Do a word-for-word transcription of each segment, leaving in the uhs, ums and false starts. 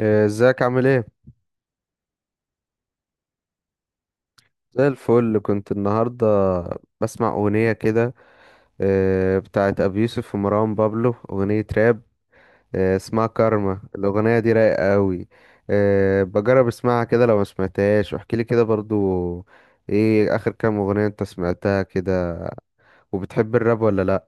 إيه، ازيك عامل ايه؟ زي الفل. كنت النهارده بسمع اغنيه كده، إيه، بتاعت ابي يوسف ومروان بابلو، اغنيه راب، إيه، اسمها كارما. الاغنيه دي رايقه قوي. بجرب اسمعها كده، لو ما سمعتهاش واحكي لي كده برضو. ايه اخر كام اغنيه انت سمعتها كده؟ وبتحب الراب ولا لا؟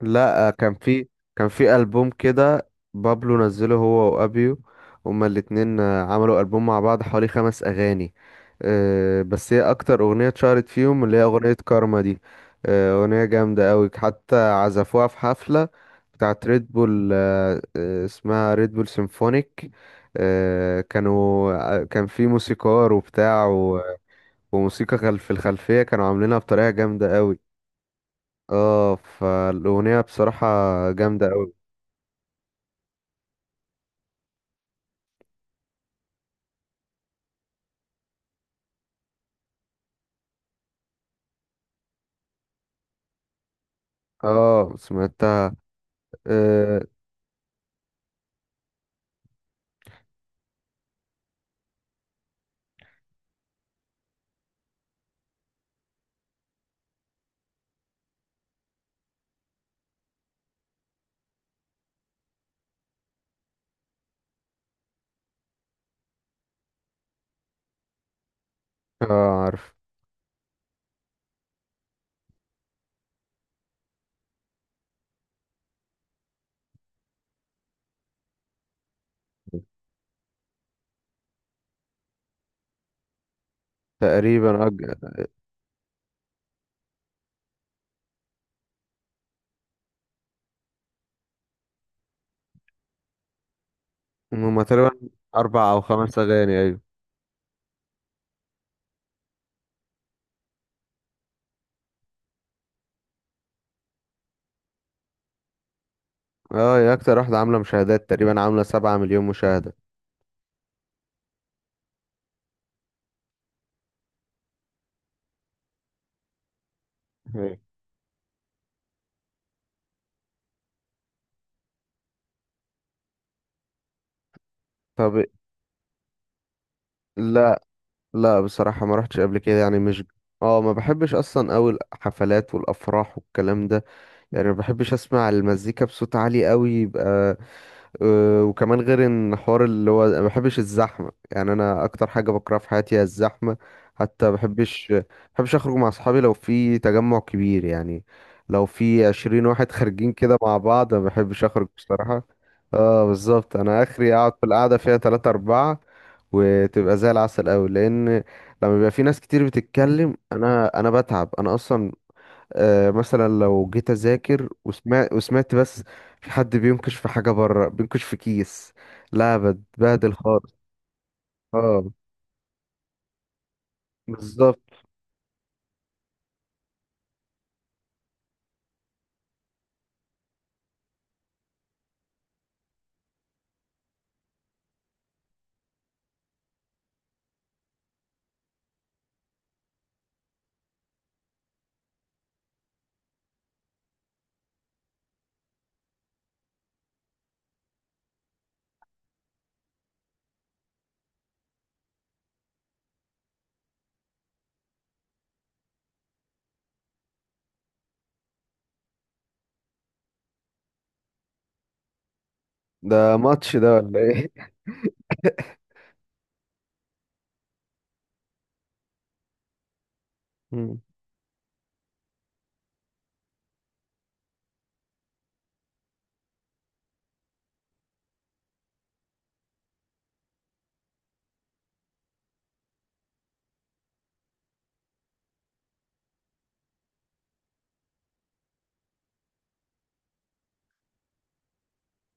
لا آه، كان في كان في ألبوم كده. بابلو نزله هو وأبيو، هما الاتنين آه، عملوا ألبوم مع بعض، حوالي خمس أغاني. آه، بس هي أكتر أغنية اتشهرت فيهم اللي هي أغنية كارما دي. آه، أغنية جامدة أوي، حتى عزفوها في حفلة بتاعت ريد بول، آه، آه، اسمها ريد بول سيمفونيك. آه، كانوا آه، كان في موسيقار وبتاع و- وموسيقى خل- في الخلفية، كانوا عاملينها بطريقة جامدة أوي. اه، فالأغنية بصراحة جامدة أوي. اه، سمعتها. اه, آه، عارف. تقريبا أج... هما تقريبا أربع أو خمس أغاني. أيوة. اه، هي أكتر واحدة عاملة مشاهدات، تقريبا عاملة سبعة مليون مشاهدة. مم. طب لا. لا، بصراحة ما رحتش قبل كده، يعني مش. اه، ما بحبش أصلا أوي الحفلات والأفراح والكلام ده. يعني ما بحبش اسمع المزيكا بصوت عالي قوي يبقى. آه، وكمان غير ان حوار اللي هو ما بحبش الزحمه. يعني انا اكتر حاجه بكرهها في حياتي هي الزحمه. حتى ما بحبش ما بحبش اخرج مع اصحابي لو في تجمع كبير، يعني لو في عشرين واحد خارجين كده مع بعض ما بحبش اخرج بصراحه. اه، بالظبط. انا اخري اقعد في القعده فيها تلاتة اربعة، وتبقى زي العسل قوي، لان لما بيبقى في ناس كتير بتتكلم انا انا بتعب انا اصلا. آه، مثلا لو جيت اذاكر وسمعت وسمعت بس في حد بينكش، في حاجه بره بينكش في كيس، لا بتبهدل خالص. اه، بالظبط. ده ماتش ده ولا ايه؟ مم.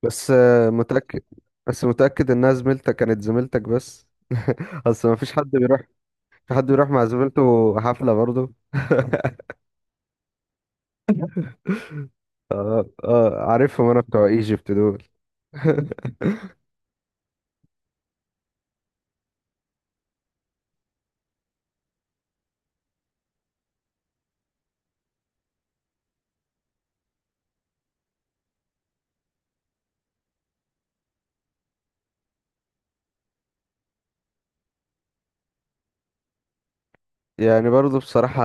بس آه، متاكد، بس متاكد انها زميلتك، كانت زميلتك بس. اصل ما فيش حد بيروح، في حد بيروح مع زميلته حفله برضه؟ اه، عارفهم انا بتوع ايجيبت دول. يعني برضه بصراحة،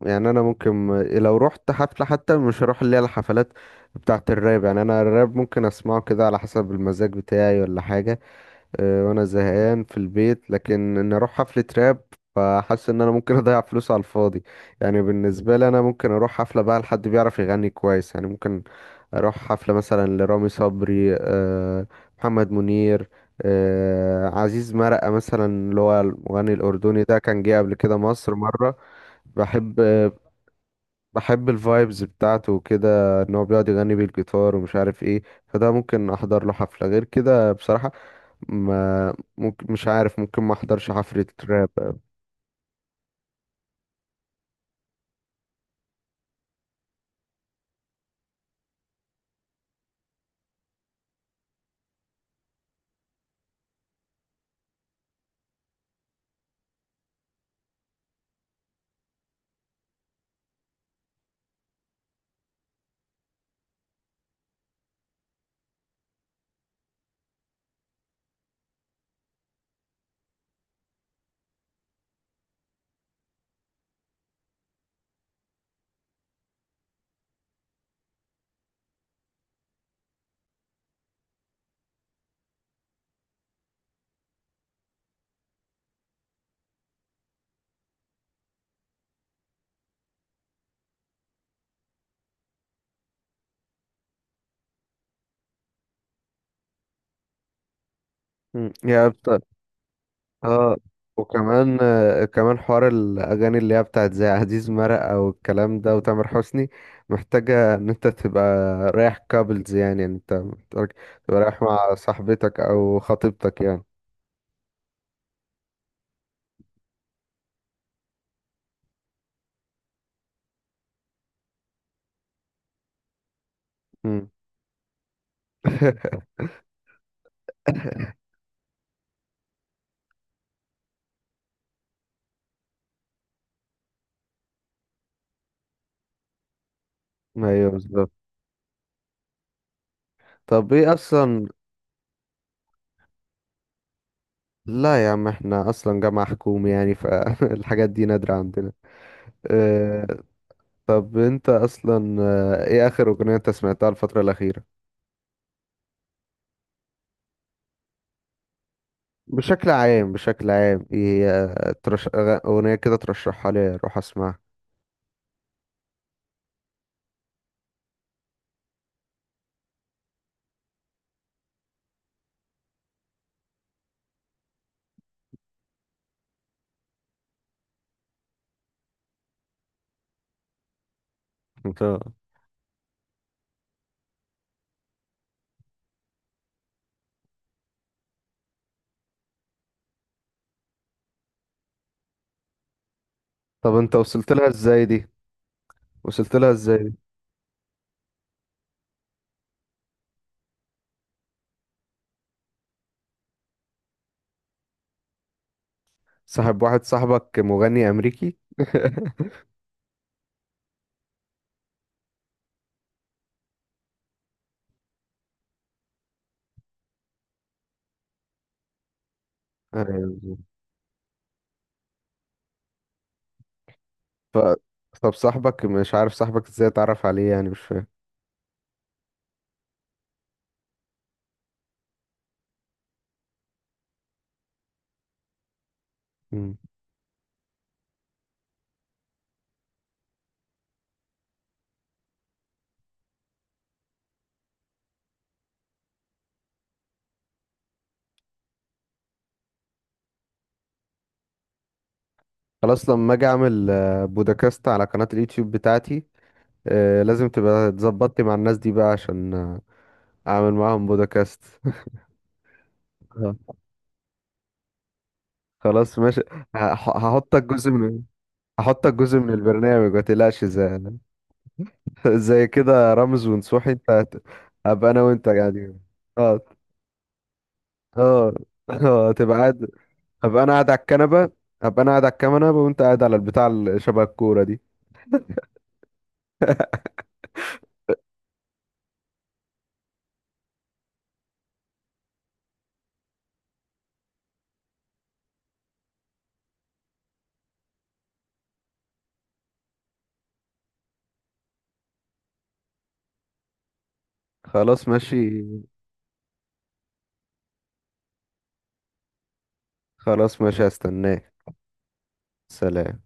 يعني أنا ممكن لو رحت حفلة حتى مش هروح، اللي هي الحفلات بتاعة الراب. يعني أنا الراب ممكن أسمعه كده على حسب المزاج بتاعي ولا حاجة. أه، وأنا زهقان في البيت، لكن إن أروح حفلة راب، فحاسس إن أنا ممكن أضيع فلوس على الفاضي. يعني بالنسبة لي أنا ممكن أروح حفلة بقى لحد بيعرف يغني كويس. يعني ممكن اروح حفلة مثلا لرامي صبري، آه، محمد منير، آه، عزيز مرقة مثلا، اللي هو المغني الأردني ده كان جه قبل كده مصر مرة. بحب آه، بحب الفايبز بتاعته وكده، ان هو بيقعد يغني بالجيتار ومش عارف ايه. فده ممكن احضر له حفلة، غير كده بصراحة ما ممكن مش عارف، ممكن ما احضرش حفلة راب. مم. هي اه، وكمان آه، كمان حوار الاغاني اللي هي بتاعت زي عزيز مرق او الكلام ده وتامر حسني، محتاجه ان انت تبقى رايح كابلز، يعني يعني انت محتاج تبقى رايح مع صاحبتك او خطيبتك يعني. مم. ايوه، بالظبط. طب ايه اصلا؟ لا يا عم، احنا اصلا جامعه حكومي، يعني فالحاجات دي نادره عندنا. آه، طب انت اصلا آه، ايه اخر اغنيه انت سمعتها الفتره الاخيره؟ بشكل عام بشكل عام ايه، هي ترش... أغ- اغنية كده ترشحها لي اروح اسمعها. انت طب انت وصلت لها ازاي دي وصلت لها ازاي دي؟ صاحب واحد صاحبك مغني امريكي؟ أيوة. ف... طب صاحبك، مش عارف صاحبك ازاي اتعرف عليه يعني، مش فاهم. مم. خلاص، لما اجي اعمل آه، بودكاست على قناة اليوتيوب بتاعتي، آه، لازم تبقى اتظبطتي مع الناس دي بقى عشان آه، اعمل معاهم بودكاست. آه. خلاص ماشي. هح- هحطك جزء من هحطك جزء من البرنامج، ما تقلقش، زي زي كده رمز ونصوحي. انت هت- هبقى انا وانت قاعدين. اه اه اه، تبقى قاعد. هبقى انا قاعد على الكنبه هبقى انا قاعد على الكنبه، وانت قاعد على البتاع اللي شبه الكوره دي. خلاص ماشي. خلاص ماشي، هستناك. سلام.